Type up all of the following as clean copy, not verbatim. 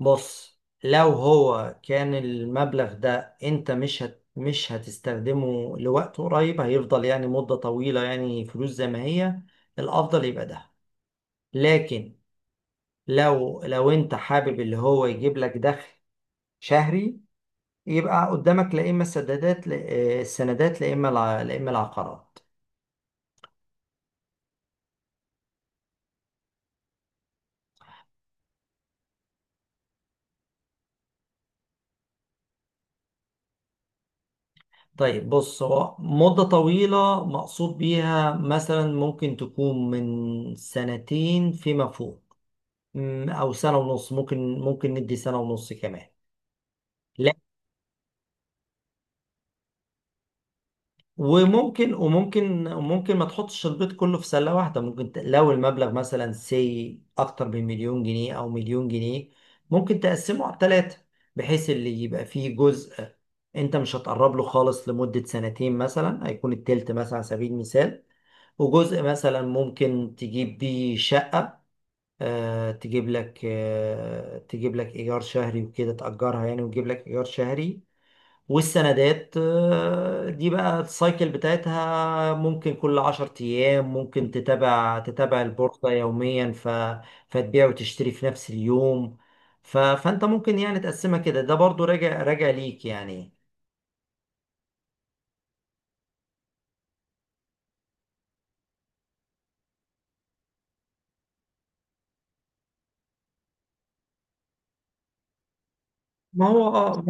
بص، لو هو كان المبلغ ده انت مش هتستخدمه لوقت قريب، هيفضل يعني مدة طويلة، يعني فلوس زي ما هي. الافضل يبقى ده. لكن لو انت حابب اللي هو يجيب لك دخل شهري، يبقى قدامك لا اما السدادات لا- آه، السندات، لا اما لا اما العقارات. طيب، بص، هو مدة طويلة مقصود بيها مثلا ممكن تكون من سنتين فيما فوق. او سنه ونص، ممكن ندي سنه ونص كمان. لا، وممكن ما تحطش البيض كله في سله واحده. ممكن لو المبلغ مثلا اكتر من مليون جنيه او مليون جنيه، ممكن تقسمه على ثلاثه بحيث اللي يبقى فيه جزء انت مش هتقرب له خالص لمده سنتين مثلا، هيكون التلت مثلا على سبيل المثال. وجزء مثلا ممكن تجيب بيه شقه، تجيب لك ايجار شهري وكده، تأجرها يعني وتجيب لك ايجار شهري. والسندات دي بقى السايكل بتاعتها ممكن كل 10 أيام، ممكن تتابع البورصة يوميا، فتبيع وتشتري في نفس اليوم. فأنت ممكن يعني تقسمها كده، ده برضو راجع ليك يعني. ما هو اه.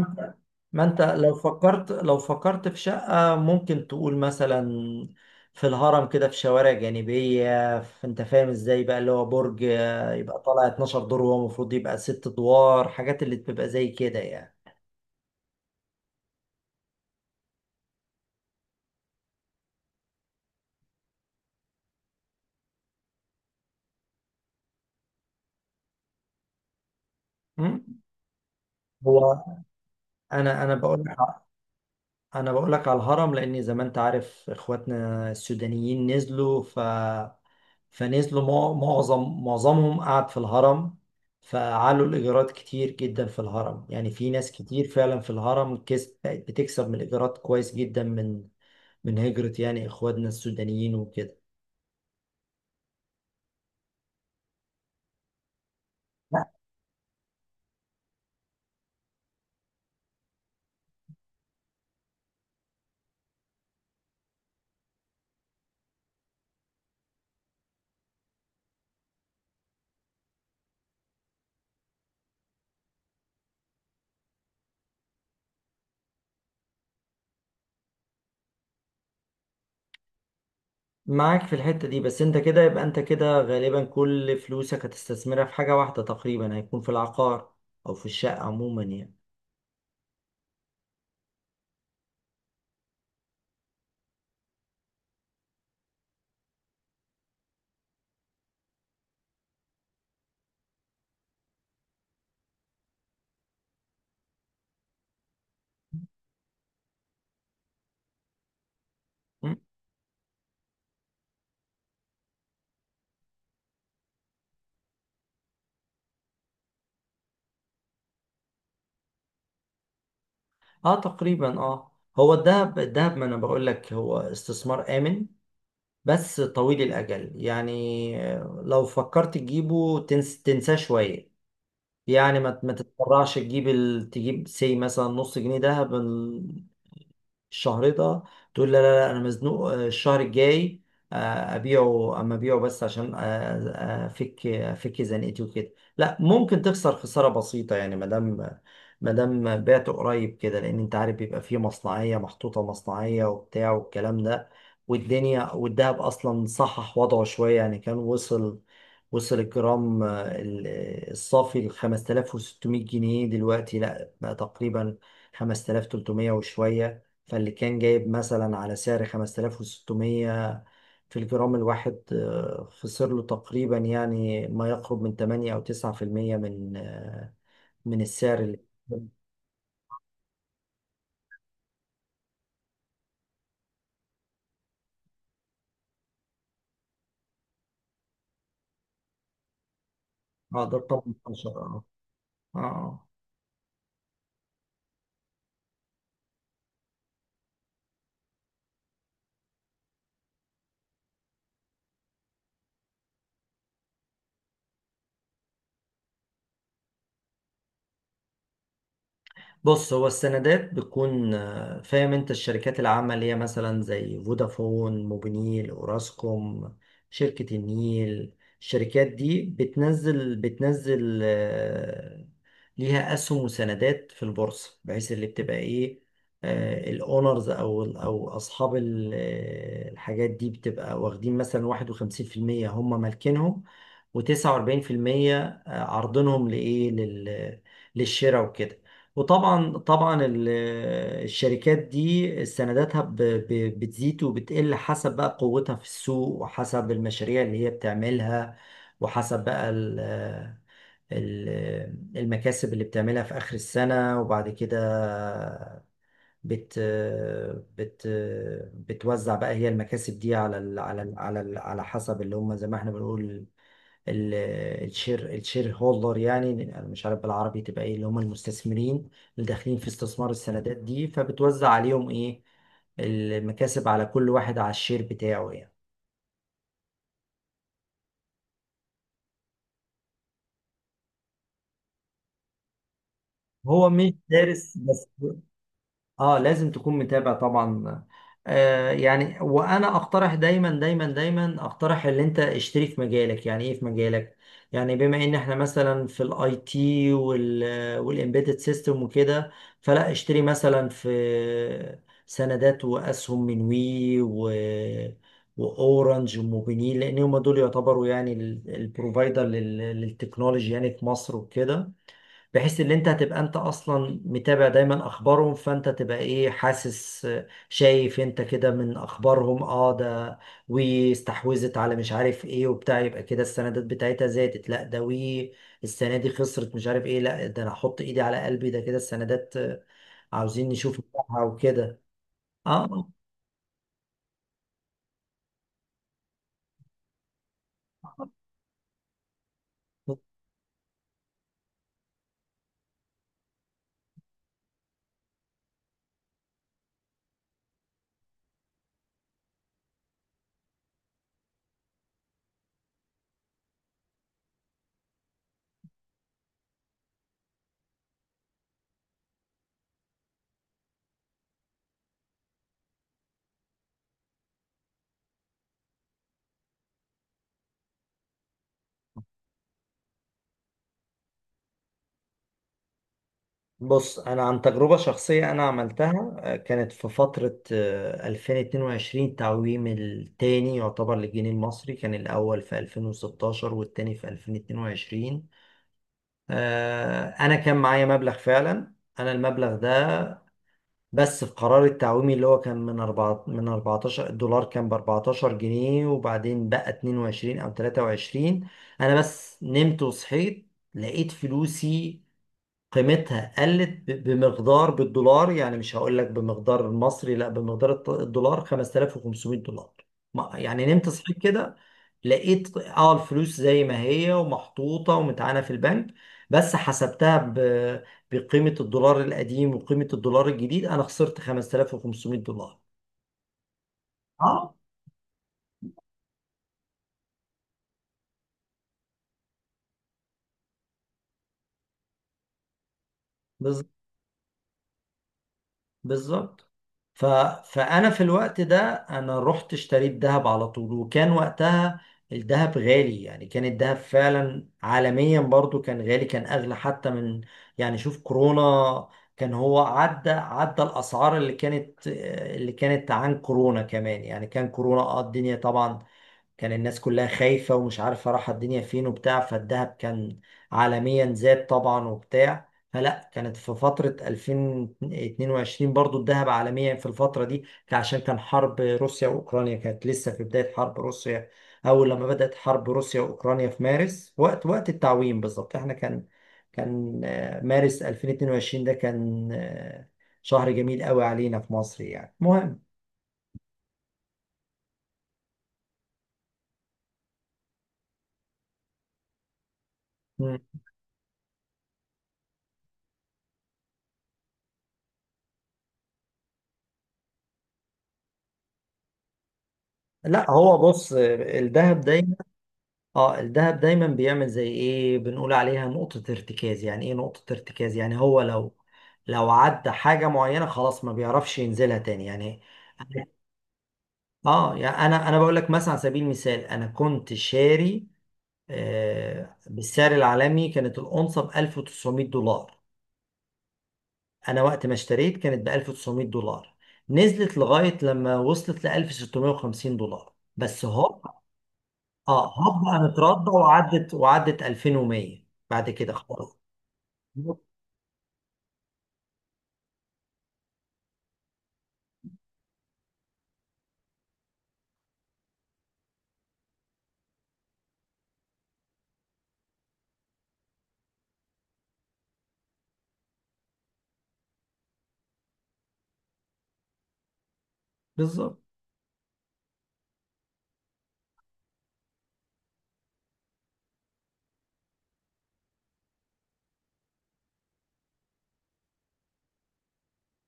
ما انت لو فكرت، في شقة ممكن تقول مثلا في الهرم كده، في شوارع جانبية، في انت فاهم ازاي بقى اللي هو برج يبقى طالع 12 دور وهو المفروض يبقى 6 ادوار، حاجات اللي بتبقى زي كده يعني. مم. هو انا بقول لك انا بقول لك على الهرم لان زي ما انت عارف اخواتنا السودانيين نزلوا، ف فنزلوا معظمهم قعد في الهرم. فعلوا الإيجارات كتير جدا في الهرم، يعني في ناس كتير فعلا في الهرم بقت بتكسب من الإيجارات كويس جدا، من هجرة يعني إخواتنا السودانيين وكده. معاك في الحتة دي، بس انت كده يبقى انت كده غالبا كل فلوسك هتستثمرها في حاجة واحدة تقريبا، هيكون في العقار او في الشقة عموما يعني. م؟ اه تقريبا، اه. هو الذهب، ما انا بقول لك هو استثمار آمن بس طويل الأجل يعني. لو فكرت تجيبه تنساه شوية. يعني ما تتسرعش، تجيب تجيب مثلا نص جنيه دهب الشهر ده، تقول لا لا لا انا مزنوق الشهر الجاي آه، ابيعه، ابيعه بس عشان افك زنقتي وكده. لا، ممكن تخسر خسارة بسيطة يعني، ما دام بعت قريب كده لان انت عارف بيبقى فيه مصنعية محطوطة، مصنعية وبتاع والكلام ده. والدنيا والدهب اصلا صحح وضعه شوية يعني، كان وصل الجرام الصافي ل 5600 جنيه، دلوقتي لا بقى تقريبا 5300 وشوية. فاللي كان جايب مثلا على سعر 5600 في الجرام الواحد خسر له تقريبا يعني ما يقرب من 8 أو 9% من السعر اللي اه ده طبعا 10. اه. آه. آه. بص، هو السندات بتكون فاهم انت، الشركات العامة اللي هي مثلا زي فودافون، موبينيل، اوراسكوم، شركة النيل، الشركات دي بتنزل ليها اسهم وسندات في البورصة، بحيث اللي بتبقى ايه، الاونرز او اصحاب الحاجات دي بتبقى واخدين مثلا 51% هم مالكينهم، و49% عرضنهم لايه، للشراء وكده. وطبعا الشركات دي سنداتها بتزيد وبتقل حسب بقى قوتها في السوق، وحسب المشاريع اللي هي بتعملها، وحسب بقى المكاسب اللي بتعملها في آخر السنة. وبعد كده بت بت بتوزع بقى هي المكاسب دي على ال على ال على ال على حسب اللي هم زي ما احنا بنقول ال- الشير هولدر، يعني انا مش عارف بالعربي تبقى ايه، اللي هم المستثمرين اللي داخلين في استثمار السندات دي، فبتوزع عليهم ايه المكاسب، على كل واحد على الشير بتاعه يعني. هو مش دارس بس. اه، لازم تكون متابع طبعا. يعني وانا اقترح دايما دايما دايما، اقترح ان انت اشتري في مجالك. يعني ايه في مجالك؟ يعني بما ان احنا مثلا في الاي تي وال والامبيدد سيستم وكده، فلا اشتري مثلا في سندات واسهم من وي واورنج وموبينيل، لان هم دول يعتبروا يعني البروفايدر للتكنولوجي يعني في مصر وكده، بحيث ان انت هتبقى انت اصلا متابع دايما اخبارهم، فانت تبقى ايه، حاسس شايف انت كده من اخبارهم. اه، ده واستحوذت على مش عارف ايه وبتاع، يبقى كده السندات بتاعتها زادت. لا، ده وي السنه دي خسرت مش عارف ايه. لا، ده انا احط ايدي على قلبي، ده كده السندات عاوزين نشوف بتاعها وكده. اه، بص، انا عن تجربه شخصيه انا عملتها، كانت في فتره، 2022 تعويم التاني يعتبر للجنيه المصري. كان الاول في 2016 والتاني في 2022. انا كان معايا مبلغ فعلا، انا المبلغ ده بس في قرار التعويمي اللي هو كان من 4 من 14، الدولار كان ب 14 جنيه وبعدين بقى 22 او 23. انا بس نمت وصحيت لقيت فلوسي قيمتها قلت بمقدار بالدولار، يعني مش هقول لك بمقدار المصري لا بمقدار الدولار، 5500 دولار. يعني نمت صحيت كده لقيت اه الفلوس زي ما هي ومحطوطة ومتعانة في البنك، بس حسبتها بقيمة الدولار القديم وقيمة الدولار الجديد انا خسرت 5500 دولار. اه بالظبط. ف... فانا في الوقت ده انا رحت اشتريت ذهب على طول، وكان وقتها الذهب غالي يعني. كان الذهب فعلا عالميا برضو كان غالي، كان اغلى حتى من يعني شوف كورونا، كان هو عدى الاسعار اللي كانت عن كورونا كمان يعني. كان كورونا اه الدنيا طبعا، كان الناس كلها خايفة ومش عارفة رايحة الدنيا فين وبتاع، فالذهب كان عالميا زاد طبعا وبتاع. فلا كانت في فترة 2022 برضو الذهب عالميا في الفترة دي عشان كان حرب روسيا وأوكرانيا كانت لسه في بداية حرب روسيا. أول لما بدأت حرب روسيا وأوكرانيا في مارس، وقت التعويم بالظبط احنا كان مارس 2022 ده كان شهر جميل قوي علينا في مصر يعني، المهم. مم. لا، هو بص، الذهب دايما. اه، الذهب دايما بيعمل زي ايه، بنقول عليها نقطة ارتكاز. يعني ايه نقطة ارتكاز؟ يعني هو لو عدى حاجة معينة خلاص ما بيعرفش ينزلها تاني يعني. اه، يعني انا بقول لك مثلا على سبيل المثال، انا كنت شاري آه بالسعر العالمي كانت الأونصة ب 1900 دولار. انا وقت ما اشتريت كانت ب 1900 دولار، نزلت لغاية لما وصلت ل 1650 دولار، بس هو اه هبقى مترضع وعدت 2100 بعد كده خلاص. بالظبط.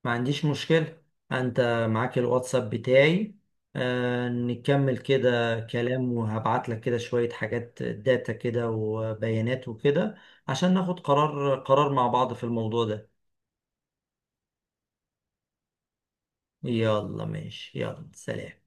ما عنديش مشكلة. انت معاك الواتساب بتاعي، نكمل كده كلام وهبعت لك كده شوية حاجات داتا كده وبيانات وكده، عشان ناخد قرار مع بعض في الموضوع ده. يلا ماشي، يلا سلام.